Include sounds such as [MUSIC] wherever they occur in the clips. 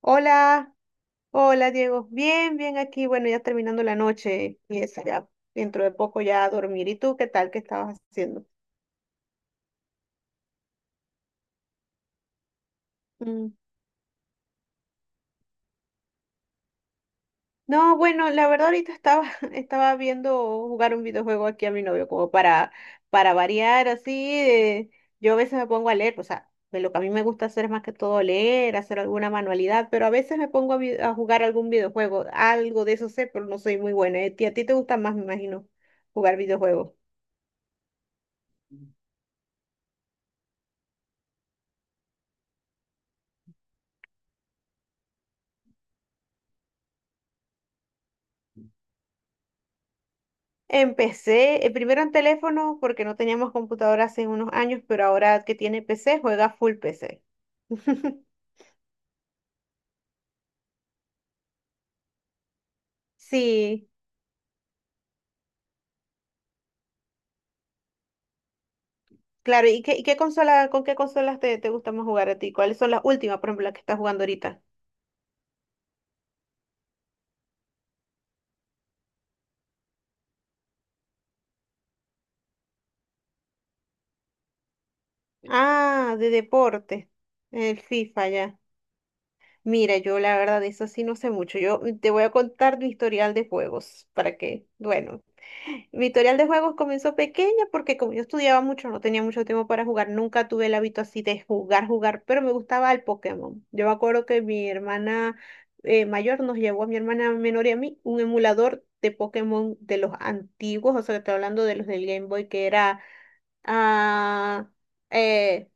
Hola, hola Diego. Bien, bien aquí. Bueno, ya terminando la noche y eso, ya dentro de poco ya a dormir. ¿Y tú qué tal? ¿Qué estabas haciendo? Mm. No, bueno, la verdad ahorita estaba, [LAUGHS] estaba viendo jugar un videojuego aquí a mi novio como para variar así. eh, yo a veces me pongo a leer, o sea, de lo que a mí me gusta hacer es más que todo leer, hacer alguna manualidad, pero a veces me pongo a, a jugar algún videojuego. Algo de eso sé, pero no soy muy buena. ¿Eh? ¿Y a ti te gusta más, me imagino, jugar videojuegos? Empecé primero en teléfono porque no teníamos computadora hace unos años, pero ahora que tiene PC, juega full PC. [LAUGHS] Sí, claro. Y qué consola, con qué consolas te, te gusta más jugar a ti? ¿Cuáles son las últimas, por ejemplo, las que estás jugando ahorita? Ah, de deporte. El FIFA ya. Mira, yo la verdad de eso sí no sé mucho. Yo te voy a contar mi historial de juegos para que, bueno, mi historial de juegos comenzó pequeña porque como yo estudiaba mucho, no tenía mucho tiempo para jugar, nunca tuve el hábito así de jugar, jugar, pero me gustaba el Pokémon. Yo me acuerdo que mi hermana mayor nos llevó a mi hermana menor y a mí un emulador de Pokémon de los antiguos, o sea, que estoy hablando de los del Game Boy, que era... Ah, eh,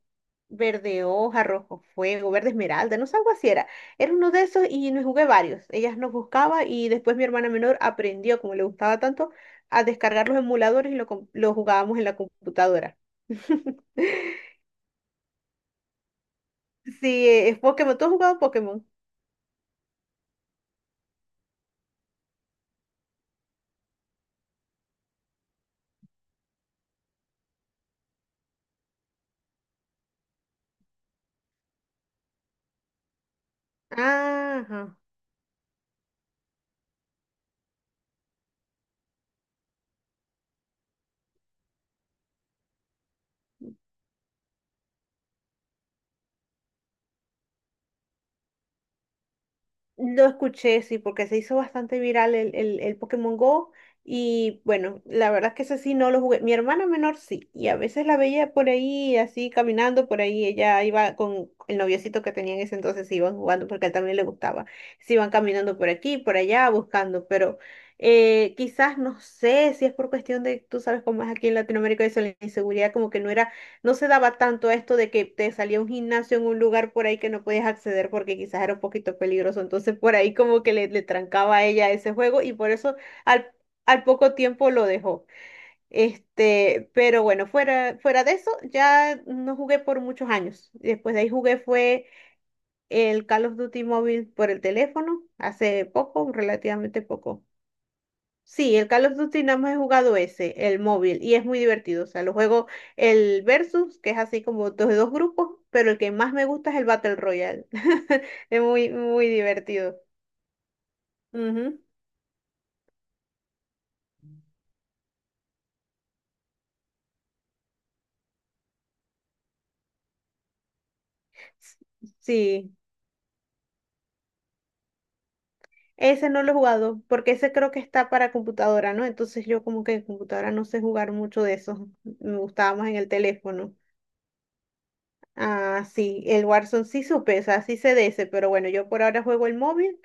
verde hoja, rojo fuego, verde esmeralda, no sé, algo así era. Era uno de esos y me jugué varios. Ellas nos buscaba y después mi hermana menor aprendió, como le gustaba tanto, a descargar los emuladores y lo, lo jugábamos en la computadora. [LAUGHS] Sí, es Pokémon. ¿Tú has jugado Pokémon? Ajá. Lo escuché, sí, porque se hizo bastante viral el Pokémon Go. Y bueno, la verdad es que ese sí no lo jugué. Mi hermana menor sí, y a veces la veía por ahí, así caminando por ahí. Ella iba con el noviocito que tenía en ese entonces, se iban jugando porque a él también le gustaba. Se iban caminando por aquí, por allá, buscando. Pero quizás, no sé si es por cuestión de, tú sabes cómo es aquí en Latinoamérica, eso, la inseguridad, como que no era, no se daba tanto esto de que te salía un gimnasio en un lugar por ahí que no podías acceder porque quizás era un poquito peligroso. Entonces por ahí como que le trancaba a ella ese juego y por eso al, al poco tiempo lo dejó. Este, pero bueno, fuera, fuera de eso, ya no jugué por muchos años. Después de ahí jugué fue el Call of Duty móvil por el teléfono, hace poco, relativamente poco. Sí, el Call of Duty nada más he jugado ese, el móvil, y es muy divertido. O sea, lo juego el Versus, que es así como dos de dos grupos, pero el que más me gusta es el Battle Royale. [LAUGHS] Es muy, muy divertido. Ujú. S- Sí, ese no lo he jugado, porque ese creo que está para computadora, ¿no? Entonces yo como que en computadora no sé jugar mucho de eso. Me gustaba más en el teléfono. Ah, sí, el Warzone sí supe, o sea, sí sé de ese, pero bueno, yo por ahora juego el móvil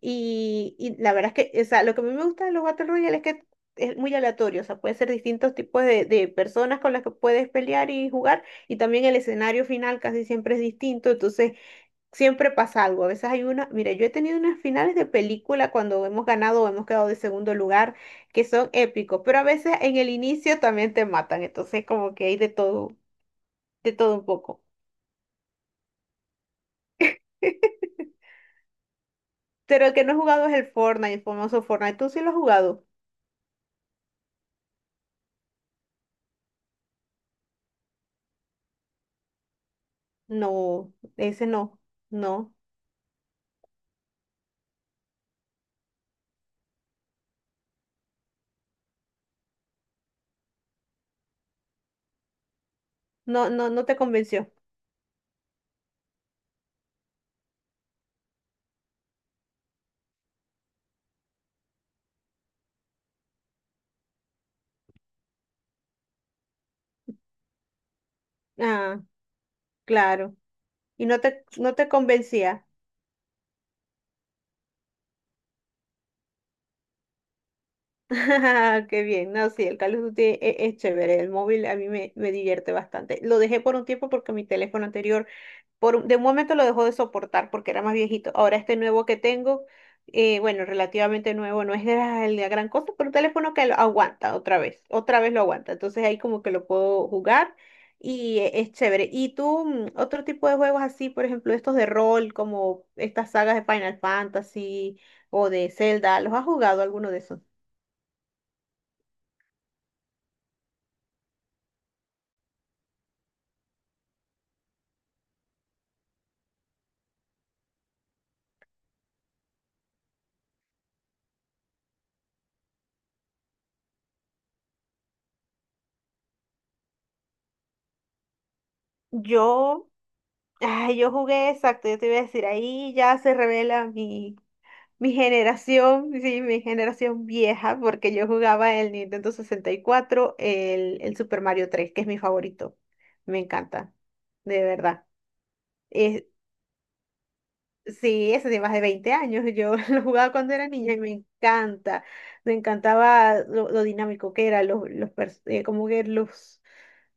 y la verdad es que, o sea, lo que a mí me gusta de los Battle Royale es que es muy aleatorio, o sea, puede ser distintos tipos de personas con las que puedes pelear y jugar, y también el escenario final casi siempre es distinto, entonces siempre pasa algo, a veces hay una, mira, yo he tenido unas finales de película cuando hemos ganado o hemos quedado de segundo lugar, que son épicos, pero a veces en el inicio también te matan, entonces como que hay de todo un poco. Pero el que no he jugado es el Fortnite, el famoso Fortnite. ¿Tú sí lo has jugado? No, ese no, no, no. No, no te convenció. Ah, claro. Y no te, no te convencía. [LAUGHS] Qué bien. No, sí, el Call of Duty es chévere. El móvil a mí me, me divierte bastante. Lo dejé por un tiempo porque mi teléfono anterior, por, de un momento lo dejó de soportar porque era más viejito. Ahora este nuevo que tengo, bueno, relativamente nuevo, no es la, la gran cosa, pero un teléfono que lo aguanta otra vez lo aguanta. Entonces ahí como que lo puedo jugar y es chévere. ¿Y tú, otro tipo de juegos así, por ejemplo, estos de rol, como estas sagas de Final Fantasy o de Zelda, los has jugado, alguno de esos? Yo, ay, yo jugué, exacto, yo te iba a decir, ahí ya se revela mi... mi generación, sí, mi generación vieja, porque yo jugaba el Nintendo 64, el Super Mario tres, que es mi favorito. Me encanta, de verdad. Es, sí, eso de más de 20 años. Yo [LAUGHS] lo jugaba cuando era niña y me encanta. Me encantaba lo dinámico que era, los, como que los...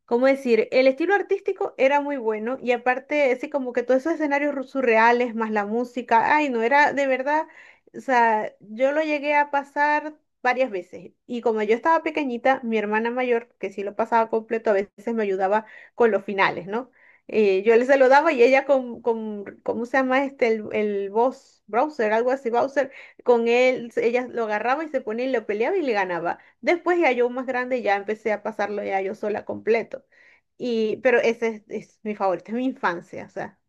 ¿cómo decir? El estilo artístico era muy bueno y aparte, ese, como que todos esos escenarios surreales, más la música, ay, no, era de verdad, o sea, yo lo llegué a pasar varias veces y como yo estaba pequeñita, mi hermana mayor, que sí lo pasaba completo, a veces me ayudaba con los finales, ¿no? Yo le saludaba y ella con, ¿cómo se llama este? El boss, browser, algo así, browser, con él, ella lo agarraba y se ponía y lo peleaba y le ganaba. Después ya yo más grande ya empecé a pasarlo ya yo sola completo. Y, pero ese es mi favorito, es mi infancia, o sea,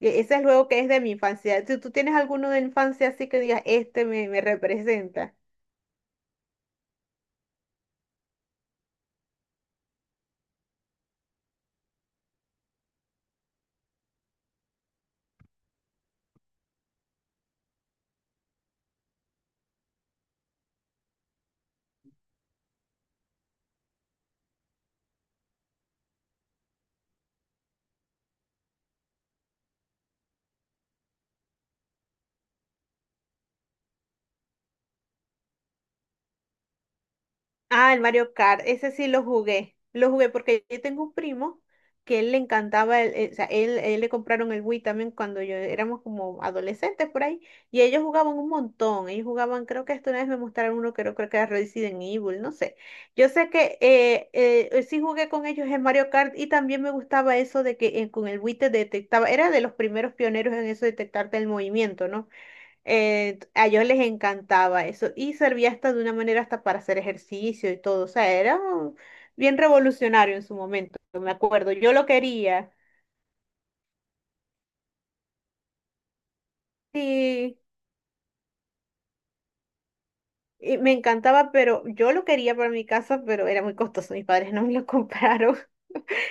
ese es el juego que es de mi infancia. Si tú tienes alguno de infancia así que digas, este me, me representa. Ah, el Mario Kart, ese sí lo jugué. Lo jugué porque yo tengo un primo que él le encantaba, o sea, él le compraron el Wii también cuando yo éramos como adolescentes por ahí, y ellos jugaban un montón. Ellos jugaban, creo que hasta una vez me mostraron uno, creo, creo que era Resident Evil, no sé. Yo sé que sí jugué con ellos en Mario Kart y también me gustaba eso de que con el Wii te detectaba, era de los primeros pioneros en eso de detectarte el movimiento, ¿no? A ellos les encantaba eso y servía hasta de una manera hasta para hacer ejercicio y todo. O sea, era bien revolucionario en su momento, me acuerdo. Yo lo quería, sí, y me encantaba, pero yo lo quería para mi casa, pero era muy costoso. Mis padres no me lo [LAUGHS] compraron.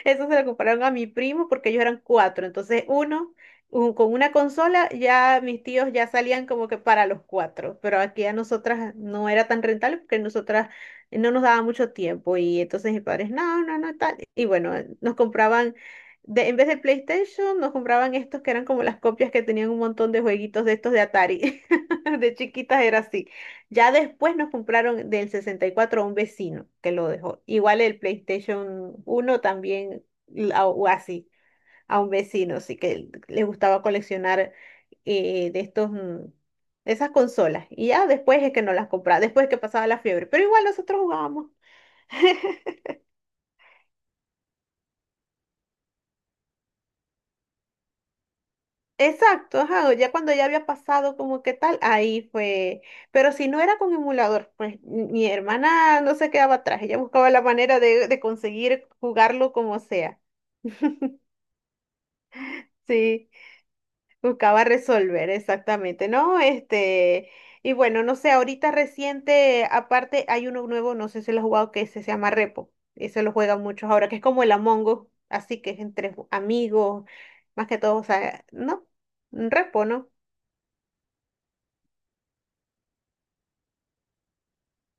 Eso se lo compraron a mi primo porque ellos eran cuatro. Entonces, uno, con una consola, ya mis tíos ya salían como que para los cuatro. Pero aquí a nosotras no era tan rentable porque nosotras no nos daba mucho tiempo. Y entonces mis padres, no, no, no, tal. Y bueno, nos compraban, de, en vez de PlayStation, nos compraban estos que eran como las copias que tenían un montón de jueguitos de estos de Atari. [LAUGHS] De chiquitas era así. Ya después nos compraron del 64 a un vecino que lo dejó. Igual el PlayStation uno también, o así, a un vecino, sí que le gustaba coleccionar de estos, de esas consolas. Y ya después es que nos las compraba, después es que pasaba la fiebre. Pero igual nosotros jugábamos. Exacto, ajá, ya cuando ya había pasado como que tal, ahí fue. Pero si no era con emulador, pues mi hermana no se quedaba atrás, ella buscaba la manera de conseguir jugarlo como sea. Sí. Buscaba resolver, exactamente, ¿no? Este, y bueno, no sé, ahorita reciente, aparte hay uno nuevo, no sé si lo has jugado, que ese se llama Repo, y se lo juegan muchos ahora, que es como el Among Us, así que es entre amigos, más que todo, o sea, ¿no? Un Repo, ¿no?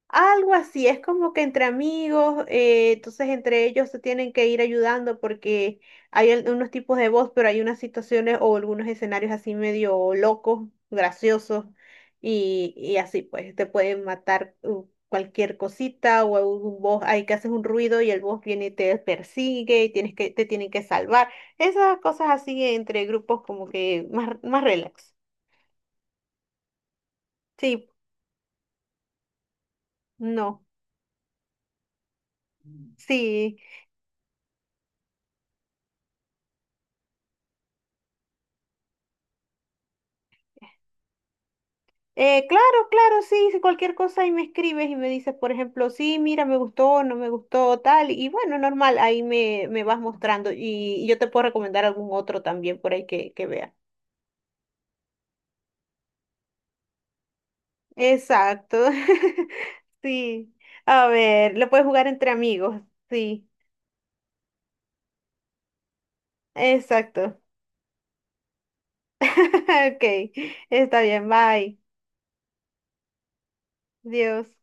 Algo así, es como que entre amigos, entonces entre ellos se tienen que ir ayudando porque hay unos tipos de voz, pero hay unas situaciones o algunos escenarios así medio locos, graciosos, y así pues te pueden matar cualquier cosita o algún boss, hay que haces un ruido y el boss viene y te persigue y tienes que, te tienen que salvar. Esas cosas así entre grupos como que más, más relax. Sí, no, sí. Claro, claro, sí, si cualquier cosa y me escribes y me dices, por ejemplo, sí, mira, me gustó, no me gustó, tal, y bueno, normal, ahí me, me vas mostrando y yo te puedo recomendar algún otro también por ahí que vea. Exacto, [LAUGHS] sí, a ver, lo puedes jugar entre amigos, sí, exacto, [LAUGHS] ok, está bien, bye, Dios.